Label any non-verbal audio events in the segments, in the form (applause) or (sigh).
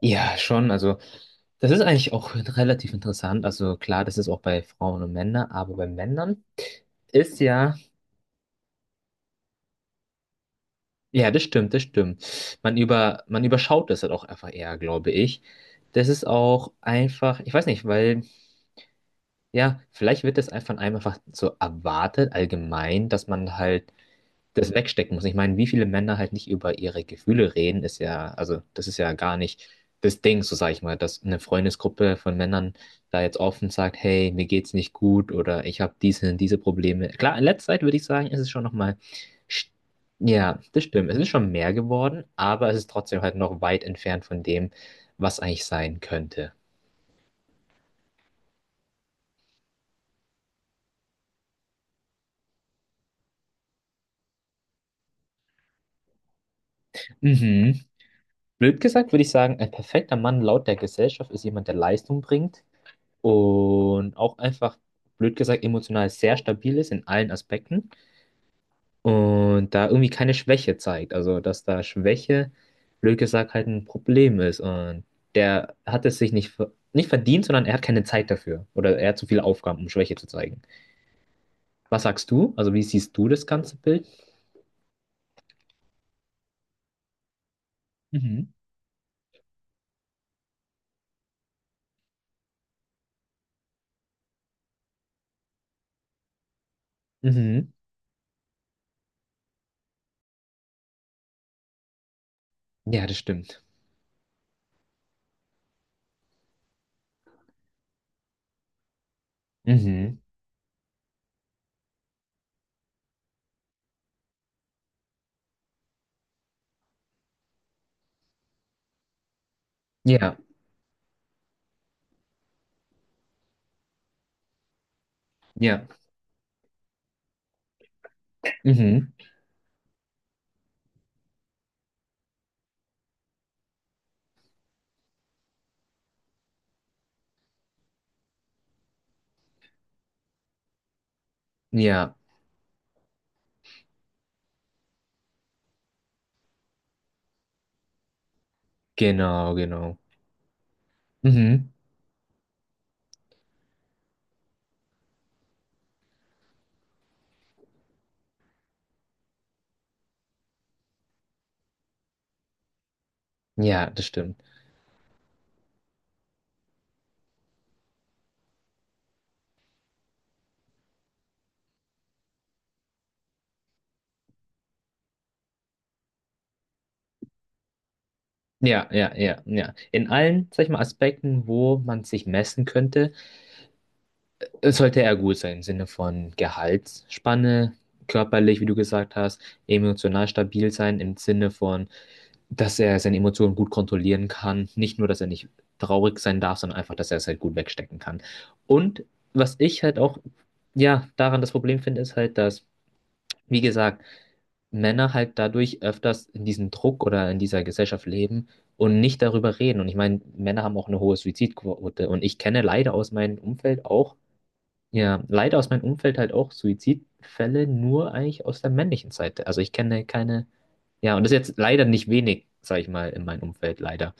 Ja, schon. Also, das ist eigentlich auch relativ interessant. Also, klar, das ist auch bei Frauen und Männern, aber bei Männern ist ja, ja, das stimmt, das stimmt. Man überschaut das halt auch einfach eher, glaube ich. Das ist auch einfach, ich weiß nicht, weil, ja, vielleicht wird das einfach von einem einfach so erwartet, allgemein, dass man halt das wegstecken muss. Ich meine, wie viele Männer halt nicht über ihre Gefühle reden, ist ja, also das ist ja gar nicht das Ding, so sage ich mal, dass eine Freundesgruppe von Männern da jetzt offen sagt, hey, mir geht's nicht gut oder ich habe diese Probleme. Klar, in letzter Zeit würde ich sagen, ist es schon nochmal, ja, das stimmt, es ist schon mehr geworden, aber es ist trotzdem halt noch weit entfernt von dem, was eigentlich sein könnte. Mhm. Blöd gesagt würde ich sagen, ein perfekter Mann laut der Gesellschaft ist jemand, der Leistung bringt und auch einfach, blöd gesagt, emotional sehr stabil ist in allen Aspekten und da irgendwie keine Schwäche zeigt. Also, dass da Schwäche, blöd gesagt, halt ein Problem ist und der hat es sich nicht, nicht verdient, sondern er hat keine Zeit dafür oder er hat zu viele Aufgaben, um Schwäche zu zeigen. Was sagst du? Also, wie siehst du das ganze Bild? Mhm. Mhm. Ja, das stimmt. Mhm. Ja, ja. Mhm. Ja, genau, genau. Mhm. Ja, das stimmt. Ja, ja, ja, ja. In allen, sag ich mal, Aspekten, wo man sich messen könnte, sollte er gut sein, im Sinne von Gehaltsspanne, körperlich, wie du gesagt hast, emotional stabil sein, im Sinne von, dass er seine Emotionen gut kontrollieren kann. Nicht nur, dass er nicht traurig sein darf, sondern einfach, dass er es halt gut wegstecken kann. Und was ich halt auch, ja, daran das Problem finde, ist halt, dass, wie gesagt, Männer halt dadurch öfters in diesem Druck oder in dieser Gesellschaft leben und nicht darüber reden. Und ich meine, Männer haben auch eine hohe Suizidquote. Und ich kenne leider aus meinem Umfeld auch, ja, leider aus meinem Umfeld halt auch Suizidfälle nur eigentlich aus der männlichen Seite. Also ich kenne keine, ja, und das ist jetzt leider nicht wenig, sag ich mal, in meinem Umfeld, leider.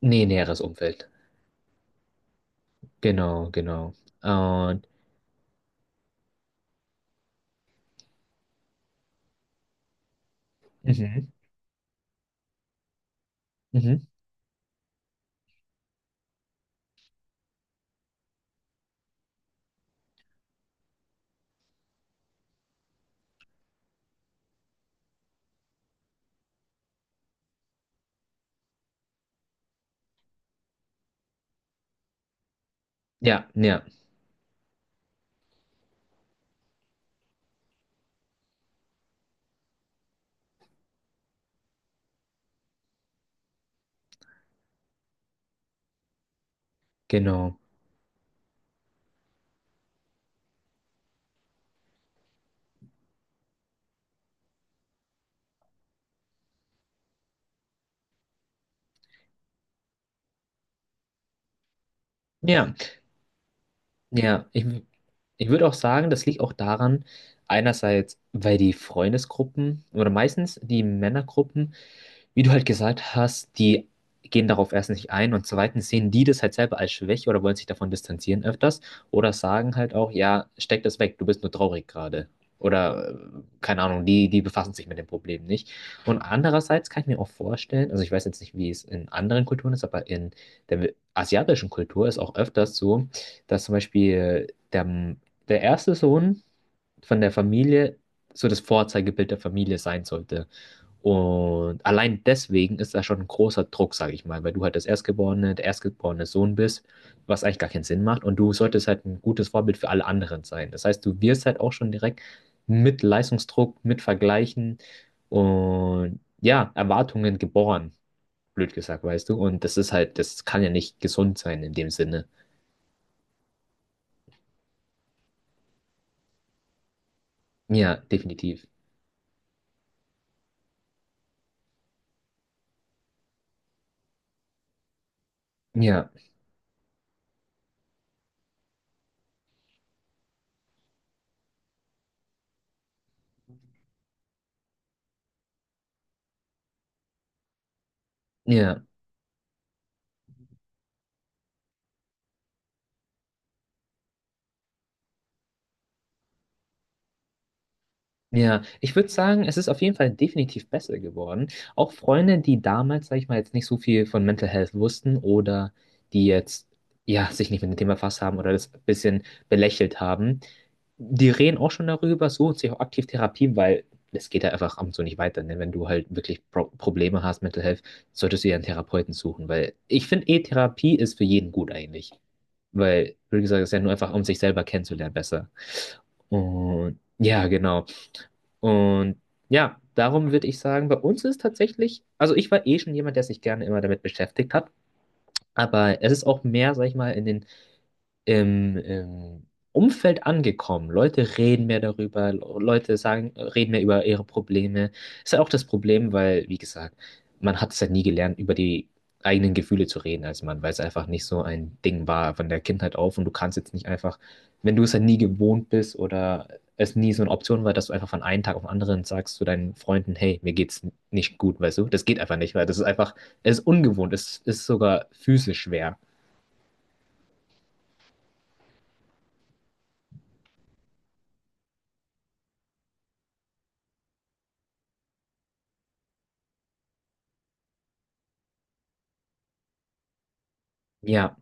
Nee, näheres Umfeld. Genau, genau. Und, mhm, mhm. Ja, ja, genau. Ja. Ja, ich, ich würde auch sagen, das liegt auch daran, einerseits, weil die Freundesgruppen oder meistens die Männergruppen wie du halt gesagt hast, die gehen darauf erstens nicht ein und zweitens sehen die das halt selber als Schwäche oder wollen sich davon distanzieren öfters oder sagen halt auch, ja, steck das weg, du bist nur traurig gerade. Oder keine Ahnung, die befassen sich mit dem Problem nicht. Und andererseits kann ich mir auch vorstellen, also ich weiß jetzt nicht, wie es in anderen Kulturen ist, aber in der asiatischen Kultur ist auch öfters so, dass zum Beispiel der, der erste Sohn von der Familie so das Vorzeigebild der Familie sein sollte. Und allein deswegen ist da schon ein großer Druck, sage ich mal, weil du halt das Erstgeborene, der erstgeborene Sohn bist, was eigentlich gar keinen Sinn macht. Und du solltest halt ein gutes Vorbild für alle anderen sein. Das heißt, du wirst halt auch schon direkt mit Leistungsdruck, mit Vergleichen und ja, Erwartungen geboren, blöd gesagt, weißt du. Und das ist halt, das kann ja nicht gesund sein in dem Sinne. Ja, definitiv. Ja, ja. Ja, ich würde sagen, es ist auf jeden Fall definitiv besser geworden. Auch Freunde, die damals, sag ich mal, jetzt nicht so viel von Mental Health wussten oder die jetzt, ja, sich nicht mit dem Thema befasst haben oder das ein bisschen belächelt haben, die reden auch schon darüber, suchen sich auch aktiv Therapie, weil es geht ja einfach ab und zu nicht weiter. Ne? Wenn du halt wirklich Probleme hast, Mental Health, solltest du dir einen Therapeuten suchen, weil ich finde, E-Therapie ist für jeden gut eigentlich. Weil, wie gesagt, es ist ja nur einfach, um sich selber kennenzulernen, besser. Und ja, genau. Und ja, darum würde ich sagen, bei uns ist tatsächlich, also ich war eh schon jemand, der sich gerne immer damit beschäftigt hat, aber es ist auch mehr, sag ich mal, in den im Umfeld angekommen. Leute reden mehr darüber, Leute sagen, reden mehr über ihre Probleme. Ist ja auch das Problem, weil, wie gesagt, man hat es ja nie gelernt, über die eigenen Gefühle zu reden als Mann, weil es einfach nicht so ein Ding war von der Kindheit auf und du kannst jetzt nicht einfach, wenn du es ja nie gewohnt bist oder es nie so eine Option war, dass du einfach von einem Tag auf den anderen sagst zu deinen Freunden, hey, mir geht's nicht gut, weißt du? Das geht einfach nicht, weil das ist einfach, es ist ungewohnt, es ist sogar physisch schwer. Ja.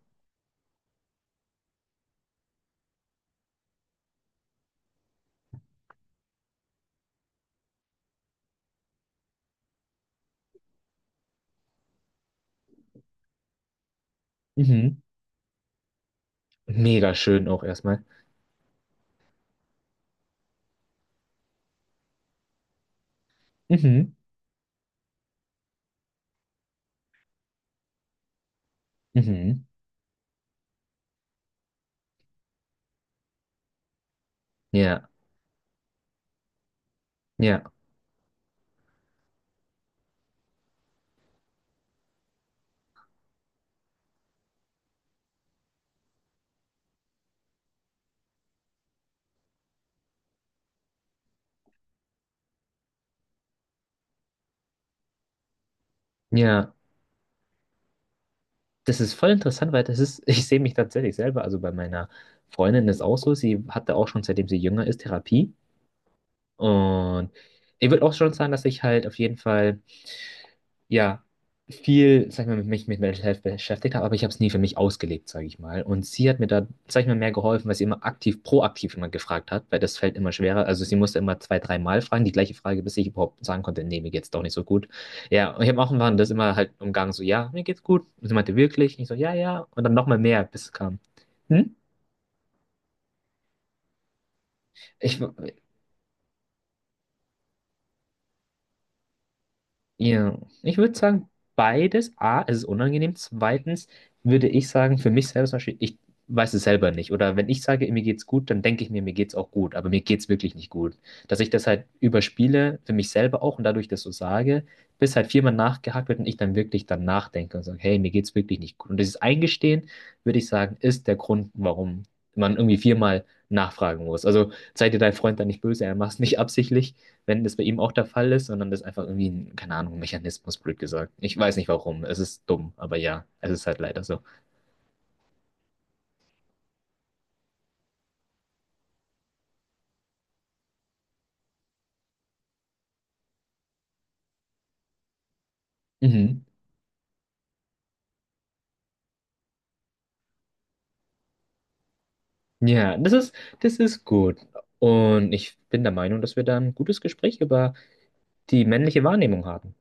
Mhm. Mega schön auch erstmal. Mhm. Mhm. Ja, ja, ja. Das ist voll interessant, weil das ist, (laughs) ich sehe mich tatsächlich selber, also bei meiner Freundin ist auch so, sie hatte auch schon, seitdem sie jünger ist, Therapie. Und ich würde auch schon sagen, dass ich halt auf jeden Fall. Ja, viel, sag ich mal, mit mich mit Mental Health beschäftigt habe, aber ich habe es nie für mich ausgelebt, sage ich mal. Und sie hat mir da, sag ich mal, mehr geholfen, weil sie immer aktiv, proaktiv immer gefragt hat, weil das fällt immer schwerer. Also sie musste immer zwei, dreimal fragen, die gleiche Frage, bis ich überhaupt sagen konnte, nee, mir geht's doch nicht so gut. Ja, und ich habe auch irgendwann das immer halt umgangen, so, ja, mir geht's gut. Und sie meinte, wirklich? Ich so, ja, ja. Und dann nochmal mehr, bis es kam. Hm? Ich, Ja, ich würde sagen, beides. A, es ist unangenehm. Zweitens würde ich sagen, für mich selber zum Beispiel, ich weiß es selber nicht. Oder wenn ich sage, mir geht's gut, dann denke ich mir, mir geht's auch gut. Aber mir geht's wirklich nicht gut. Dass ich das halt überspiele, für mich selber auch und dadurch das so sage, bis halt viermal nachgehakt wird und ich dann wirklich dann nachdenke und sage, hey, mir geht's wirklich nicht gut. Und dieses Eingestehen, würde ich sagen, ist der Grund, warum man irgendwie viermal nachfragen muss. Also sei dir dein Freund dann nicht böse, er macht es nicht (laughs) absichtlich wenn das bei ihm auch der Fall ist, sondern das einfach irgendwie ein, keine Ahnung, Mechanismus, blöd gesagt. Ich weiß nicht warum. Es ist dumm, aber ja, es ist halt leider so. Mhm. Ja, das ist gut. Und ich bin der Meinung, dass wir da ein gutes Gespräch über die männliche Wahrnehmung haben.